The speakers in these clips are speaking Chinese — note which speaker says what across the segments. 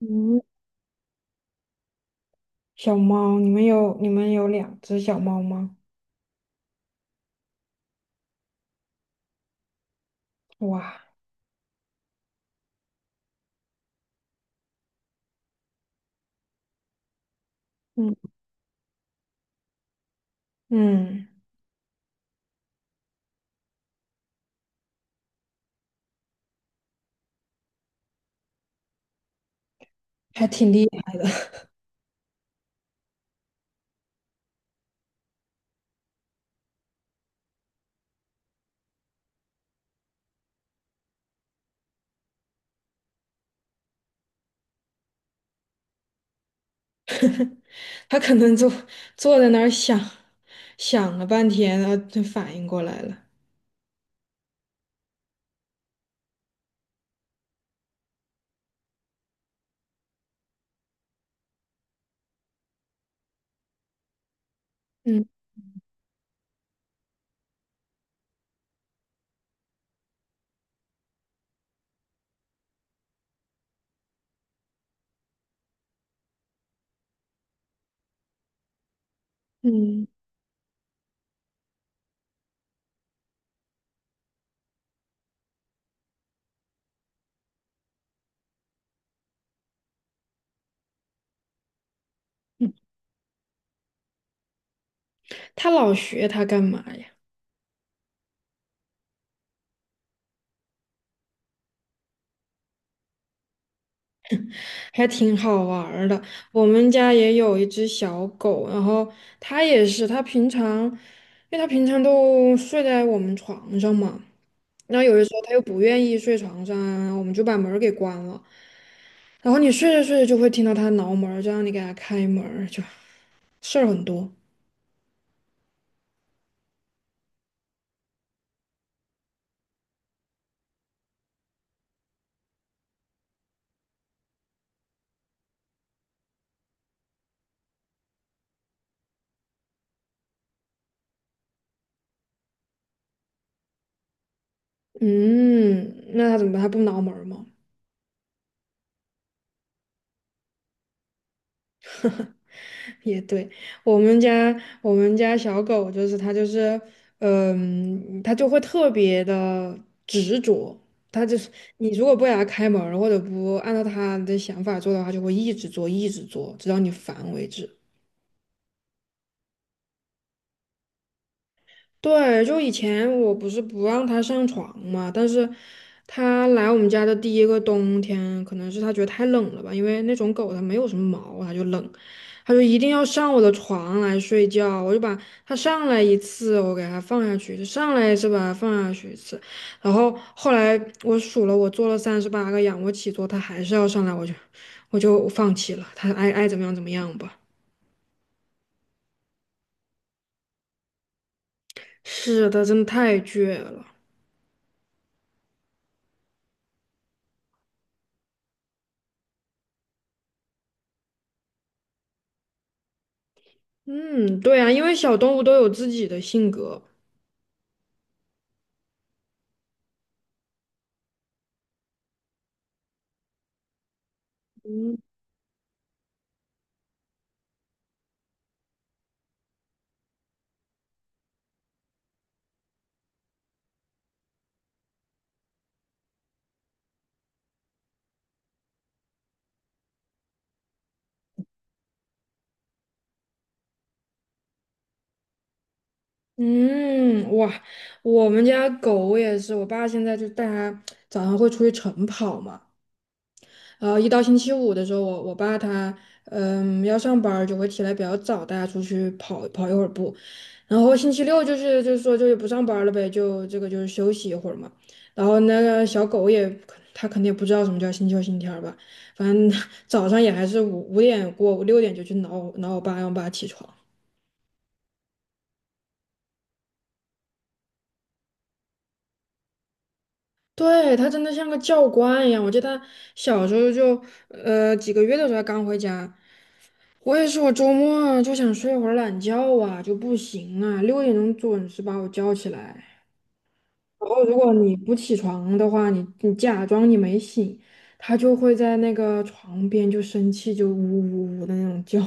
Speaker 1: 嗯，小猫，你们有两只小猫吗？哇，嗯，嗯，还挺厉害的。它可能坐在那儿想了半天，然后就反应过来了。嗯嗯嗯，它老学它干嘛呀？还挺好玩儿的。我们家也有一只小狗，然后它也是，它平常，因为它平常都睡在我们床上嘛。然后有的时候他又不愿意睡床上啊，我们就把门儿给关了。然后你睡着睡着就会听到他挠门儿就让你给他开门儿就事儿很多。嗯，那他怎么办？他不挠门儿吗？也对，我们家我们家小狗就是它就是，嗯，它就会特别的执着，它就是你如果不给它开门儿或者不按照它的想法做的话，就会一直做一直做，直到你烦为止。对，就以前我不是不让他上床嘛，但是他来我们家的第一个冬天，可能是他觉得太冷了吧，因为那种狗它没有什么毛，它就冷，它就一定要上我的床来睡觉，我就把它上来一次，我给它放下去，就上来一次把它放下去一次，然后后来我数了，我做了38个仰卧起坐，它还是要上来，我就放弃了，它爱怎么样怎么样吧。是的，真的太倔了。嗯，对啊，因为小动物都有自己的性格。嗯，嗯，哇，我们家狗也是，我爸现在就带它早上会出去晨跑嘛，然后一到星期五的时候，我爸他嗯要上班儿就会起来比较早，带它出去跑跑一会儿步，然后星期六就是说就也不上班儿了呗，就这个就是休息一会儿嘛，然后那个小狗也它肯定也不知道什么叫星期六星期天儿吧，反正 早上也还是五点过五六点就去挠挠我爸，让我爸起床。对，他真的像个教官一样。我记得他小时候就，几个月的时候他刚回家，我也是，我周末就想睡会儿懒觉啊，就不行啊，6点钟准时把我叫起来。然后如果你不起床的话，你假装你没醒，他就会在那个床边就生气，就呜呜呜的那种叫，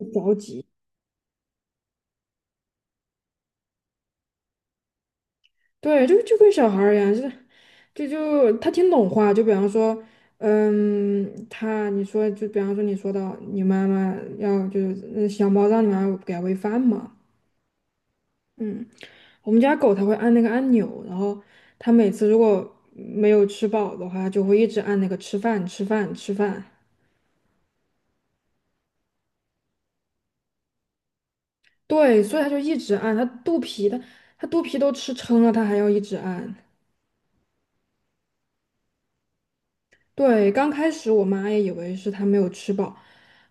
Speaker 1: 着急。对，就跟小孩儿一样，就是，就他听懂话，就比方说，嗯，他你说就比方说你说到你妈妈要就是小猫让你妈妈给它喂饭嘛，嗯，我们家狗它会按那个按钮，然后它每次如果没有吃饱的话，它就会一直按那个吃饭吃饭吃饭，对，所以它就一直按，它肚皮都吃撑了，它还要一直按。对，刚开始我妈也以为是他没有吃饱，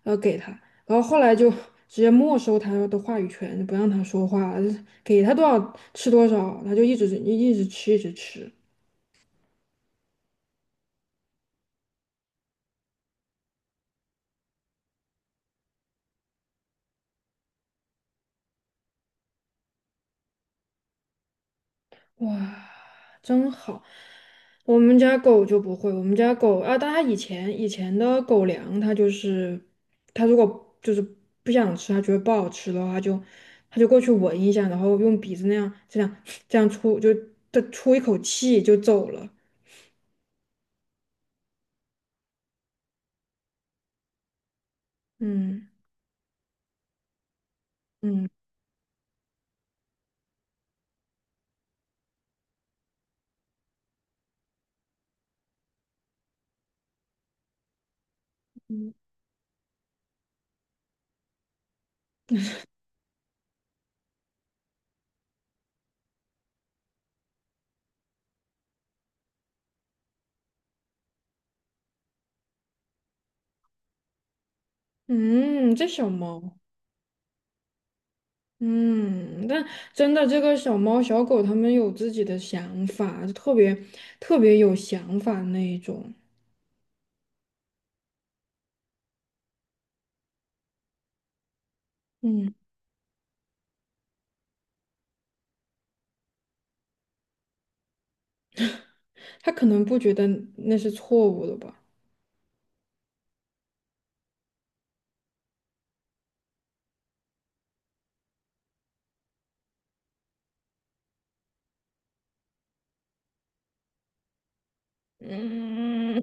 Speaker 1: 然后给他，然后后来就 直接没收他的话语权，不让他说话，给他多少吃多少，他就一直一直吃，一直吃。哇，真好！我们家狗就不会，我们家狗啊，但它以前的狗粮，它如果就是不想吃，它觉得不好吃的话，它就过去闻一下，然后用鼻子那样这样出就它出一口气就走了。嗯嗯嗯，这小猫，嗯，但真的这个小猫小狗，它们有自己的想法，特别特别有想法那一种。嗯，它可能不觉得那是错误的吧。嗯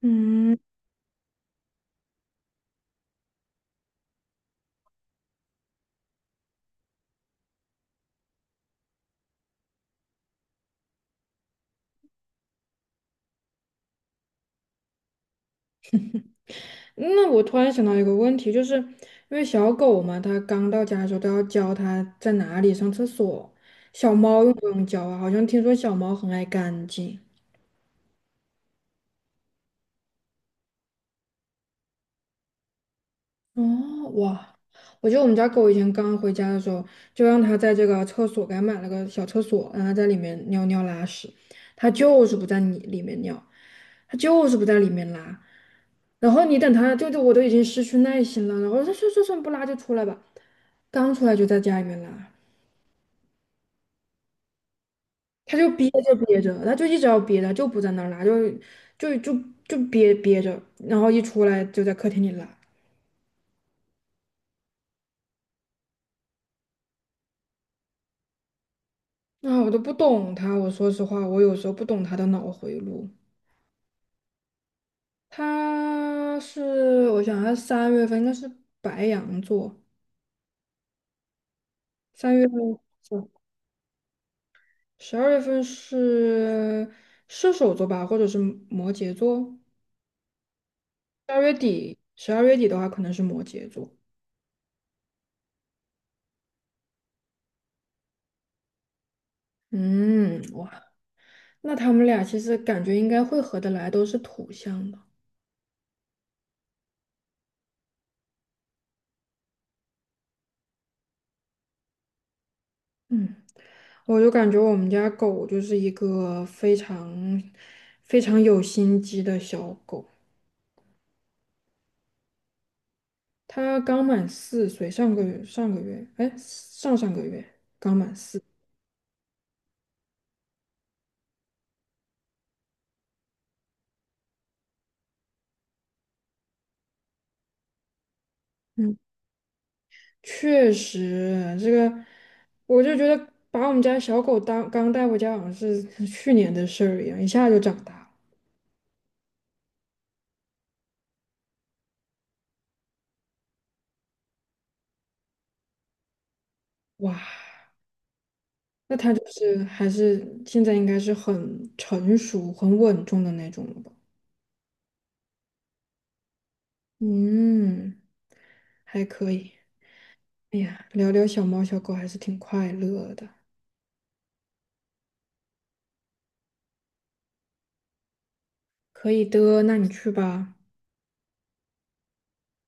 Speaker 1: 嗯，那我突然想到一个问题，就是因为小狗嘛，它刚到家的时候都要教它在哪里上厕所，小猫用不用教啊？好像听说小猫很爱干净。哦，哇！我记得我们家狗以前刚回家的时候，就让它在这个厕所给它买了个小厕所，让它在里面尿尿拉屎，它就是不在你里面尿，它就是不在里面拉。然后你等它，就我都已经失去耐心了，然后它说算不拉就出来吧，刚出来就在家里面拉，它就憋着憋着，它就一直要憋着，就不在那儿拉，就就就憋着，然后一出来就在客厅里拉。啊，我都不懂它，我说实话，我有时候不懂它的脑回路。他是，我想他三月份应该是白羊座，三月份是，12月份是射手座吧，或者是摩羯座。十二月底，十二月底的话可能是摩羯座。嗯，哇，那他们俩其实感觉应该会合得来，都是土象的。嗯，我就感觉我们家狗就是一个非常非常有心机的小狗。他刚满4岁，上个月上个月，哎，上上个月刚满四。嗯，确实，这个我就觉得把我们家小狗当刚带回家，好像是去年的事儿一样，一下就长大了。哇，那它就是还是现在应该是很成熟、很稳重的那种了吧？嗯，还可以。哎呀，聊聊小猫小狗还是挺快乐的。可以的，那你去吧。